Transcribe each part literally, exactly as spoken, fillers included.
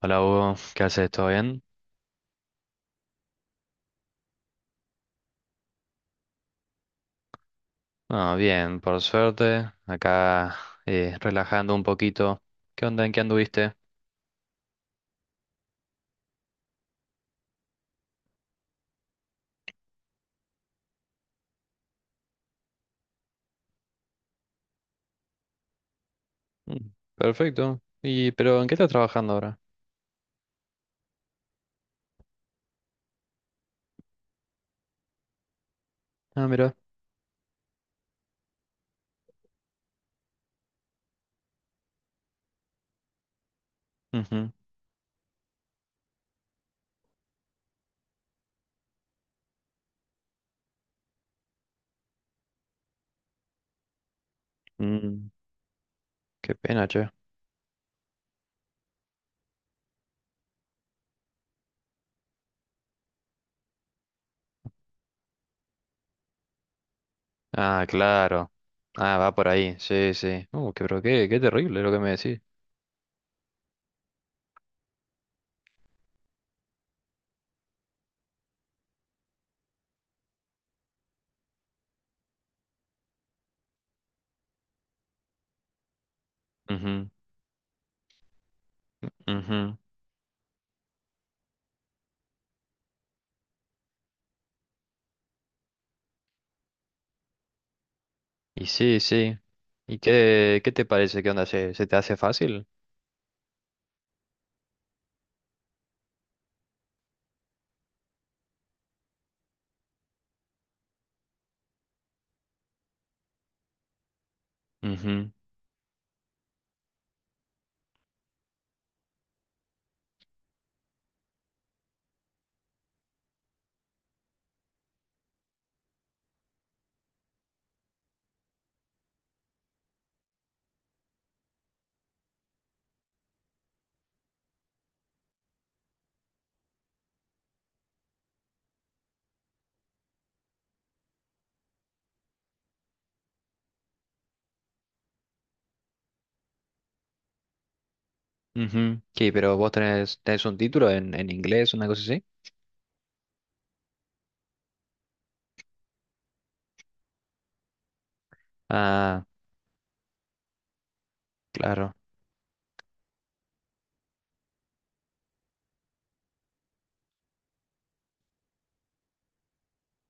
Hola Hugo, ¿qué haces? ¿Todo bien? Ah, bien, por suerte. Acá eh, relajando un poquito. ¿Qué onda? ¿En qué anduviste? Mm, perfecto. ¿Y pero en qué estás trabajando ahora? Ah, mira. Ujú. Mm, qué pena, che. Ah, claro. Ah, va por ahí. Sí, sí. Uh, qué, pero qué, qué terrible lo que me decís. Ujú, ujú. Y sí, sí. ¿Y qué, qué te parece? ¿Qué onda? ¿Se, se te hace fácil? Ujú, ujú. Sí, pero vos tenés, tenés un título en, en inglés, una cosa así. Ah, claro.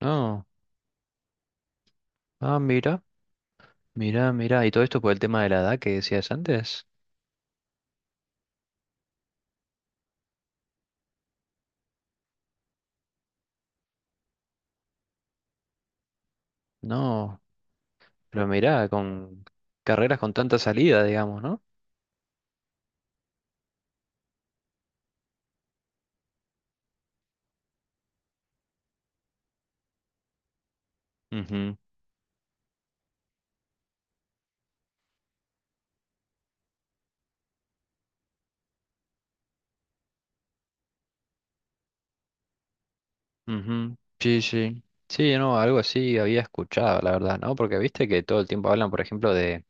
No. Ah, mira, mira, mira. Y todo esto por el tema de la edad que decías antes. No, pero mira, con carreras con tanta salida, digamos, ¿no? Ujú, ujú. Sí, sí. Sí, no, algo así había escuchado, la verdad, ¿no? Porque viste que todo el tiempo hablan, por ejemplo, de,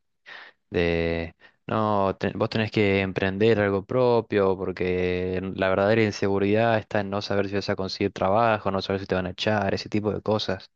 de, no, te- vos tenés que emprender algo propio, porque la verdadera inseguridad está en no saber si vas a conseguir trabajo, no saber si te van a echar, ese tipo de cosas.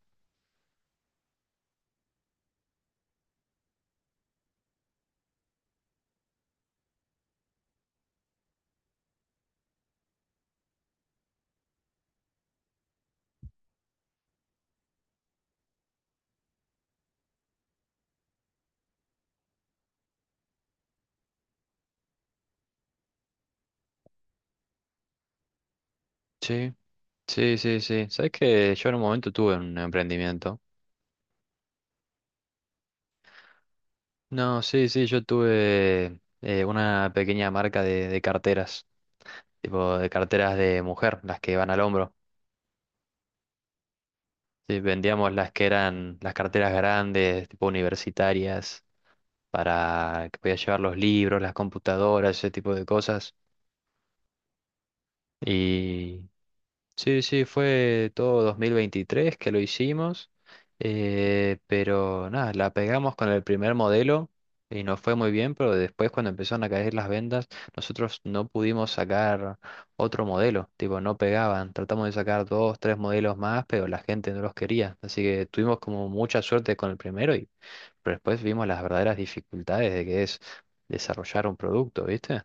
Sí, sí, sí, sí. Sabes que yo en un momento tuve un emprendimiento. No, sí, sí, yo tuve eh, una pequeña marca de, de carteras, tipo de carteras de mujer, las que van al hombro. Sí, vendíamos las que eran las carteras grandes, tipo universitarias, para que podías llevar los libros, las computadoras, ese tipo de cosas. Sí, sí, fue todo dos mil veintitrés que lo hicimos, eh, pero nada, la pegamos con el primer modelo y nos fue muy bien, pero después cuando empezaron a caer las ventas, nosotros no pudimos sacar otro modelo, tipo, no pegaban, tratamos de sacar dos, tres modelos más, pero la gente no los quería, así que tuvimos como mucha suerte con el primero y pero después vimos las verdaderas dificultades de que es desarrollar un producto, ¿viste?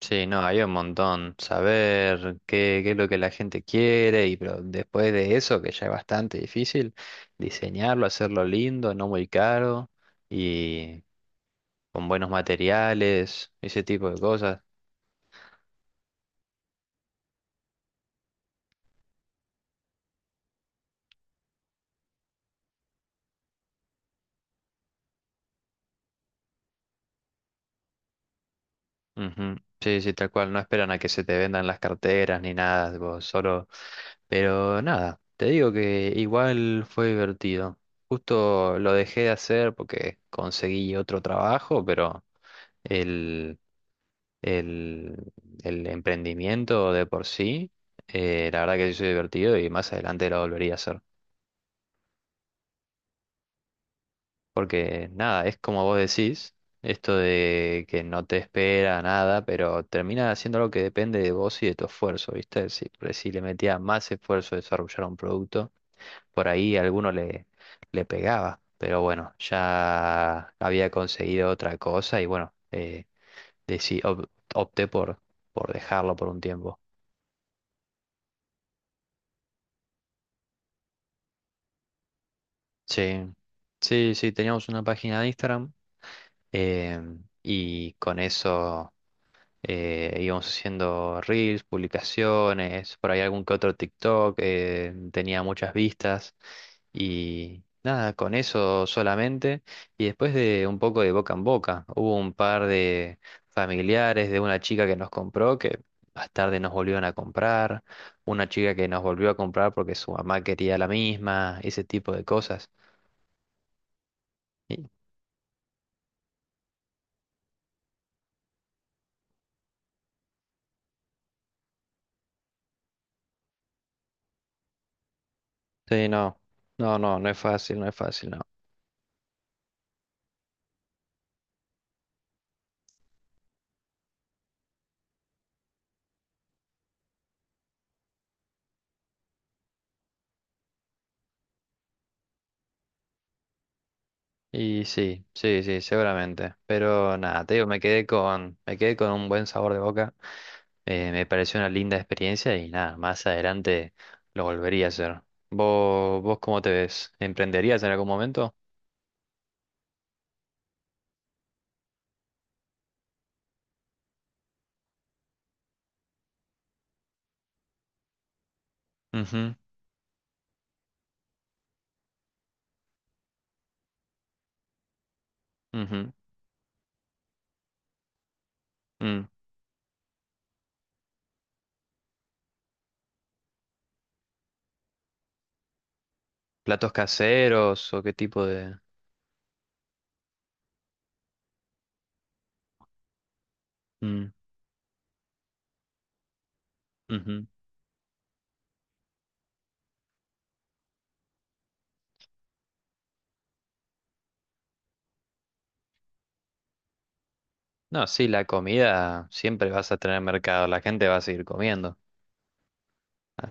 Sí, no, hay un montón. Saber qué, qué es lo que la gente quiere y pero después de eso, que ya es bastante difícil, diseñarlo, hacerlo lindo, no muy caro y con buenos materiales, ese tipo de cosas. Ujú. Sí, sí, tal cual. No esperan a que se te vendan las carteras ni nada, tipo, solo... Pero nada, te digo que igual fue divertido. Justo lo dejé de hacer porque conseguí otro trabajo, pero... El, el, el emprendimiento de por sí, eh, la verdad que sí es divertido y más adelante lo volvería a hacer. Porque nada, es como vos decís, esto de que no te espera nada, pero termina haciendo algo que depende de vos y de tu esfuerzo, ¿viste? Si, por ahí si le metías más esfuerzo a desarrollar un producto, por ahí a alguno le, le pegaba. Pero bueno, ya había conseguido otra cosa y bueno, eh, deci- op- opté por, por dejarlo por un tiempo. Sí, sí, sí, teníamos una página de Instagram em, y con eso eh, íbamos haciendo reels, publicaciones, por ahí algún que otro TikTok, eh, tenía muchas vistas y nada, con eso solamente. Y después de un poco de boca en boca, hubo un par de familiares de una chica que nos compró que más tarde nos volvieron a comprar, una chica que nos volvió a comprar porque su mamá quería la misma, ese tipo de cosas. Sí, no, no, no, no es fácil, no es fácil, no. Y sí, sí, sí, seguramente. Pero nada, te digo, me quedé con, me quedé con un buen sabor de boca. Eh, me pareció una linda experiencia y nada, más adelante lo volvería a hacer. ¿Vos, vos cómo te ves? ¿Emprenderías en algún momento? Ujú, ujú, mm. ¿Platos caseros o qué tipo de...? Mm, ujú. No, sí, la comida siempre vas a tener mercado, la gente va a seguir comiendo. Ah,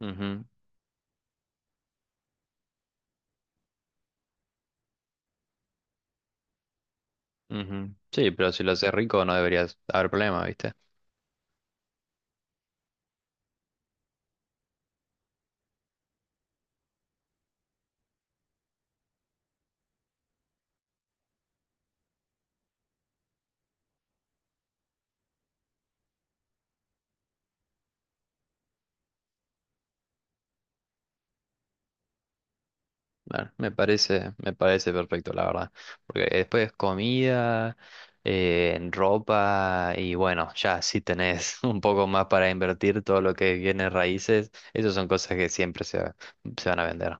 ujú. Ujú. Sí, pero si lo haces rico no deberías haber problema, ¿viste? Bueno, me parece, me parece perfecto, la verdad. Porque después comida, eh, ropa y bueno, ya si tenés un poco más para invertir todo lo que viene raíces, esas son cosas que siempre se, va- se van a vender.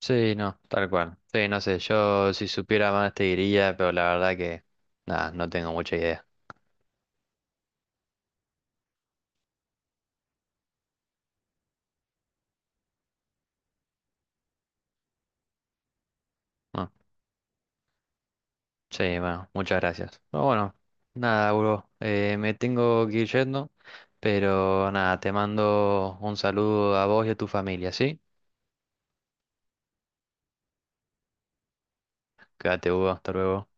Sí, no, tal cual. Sí, no sé, yo si supiera más te diría, pero la verdad que nada, no tengo mucha idea. ¿No? Sí, bueno, muchas gracias. Pero bueno, nada, bro, eh, me tengo que ir yendo, pero nada, te mando un saludo a vos y a tu familia, ¿sí? Quédate, Hugo, hasta luego.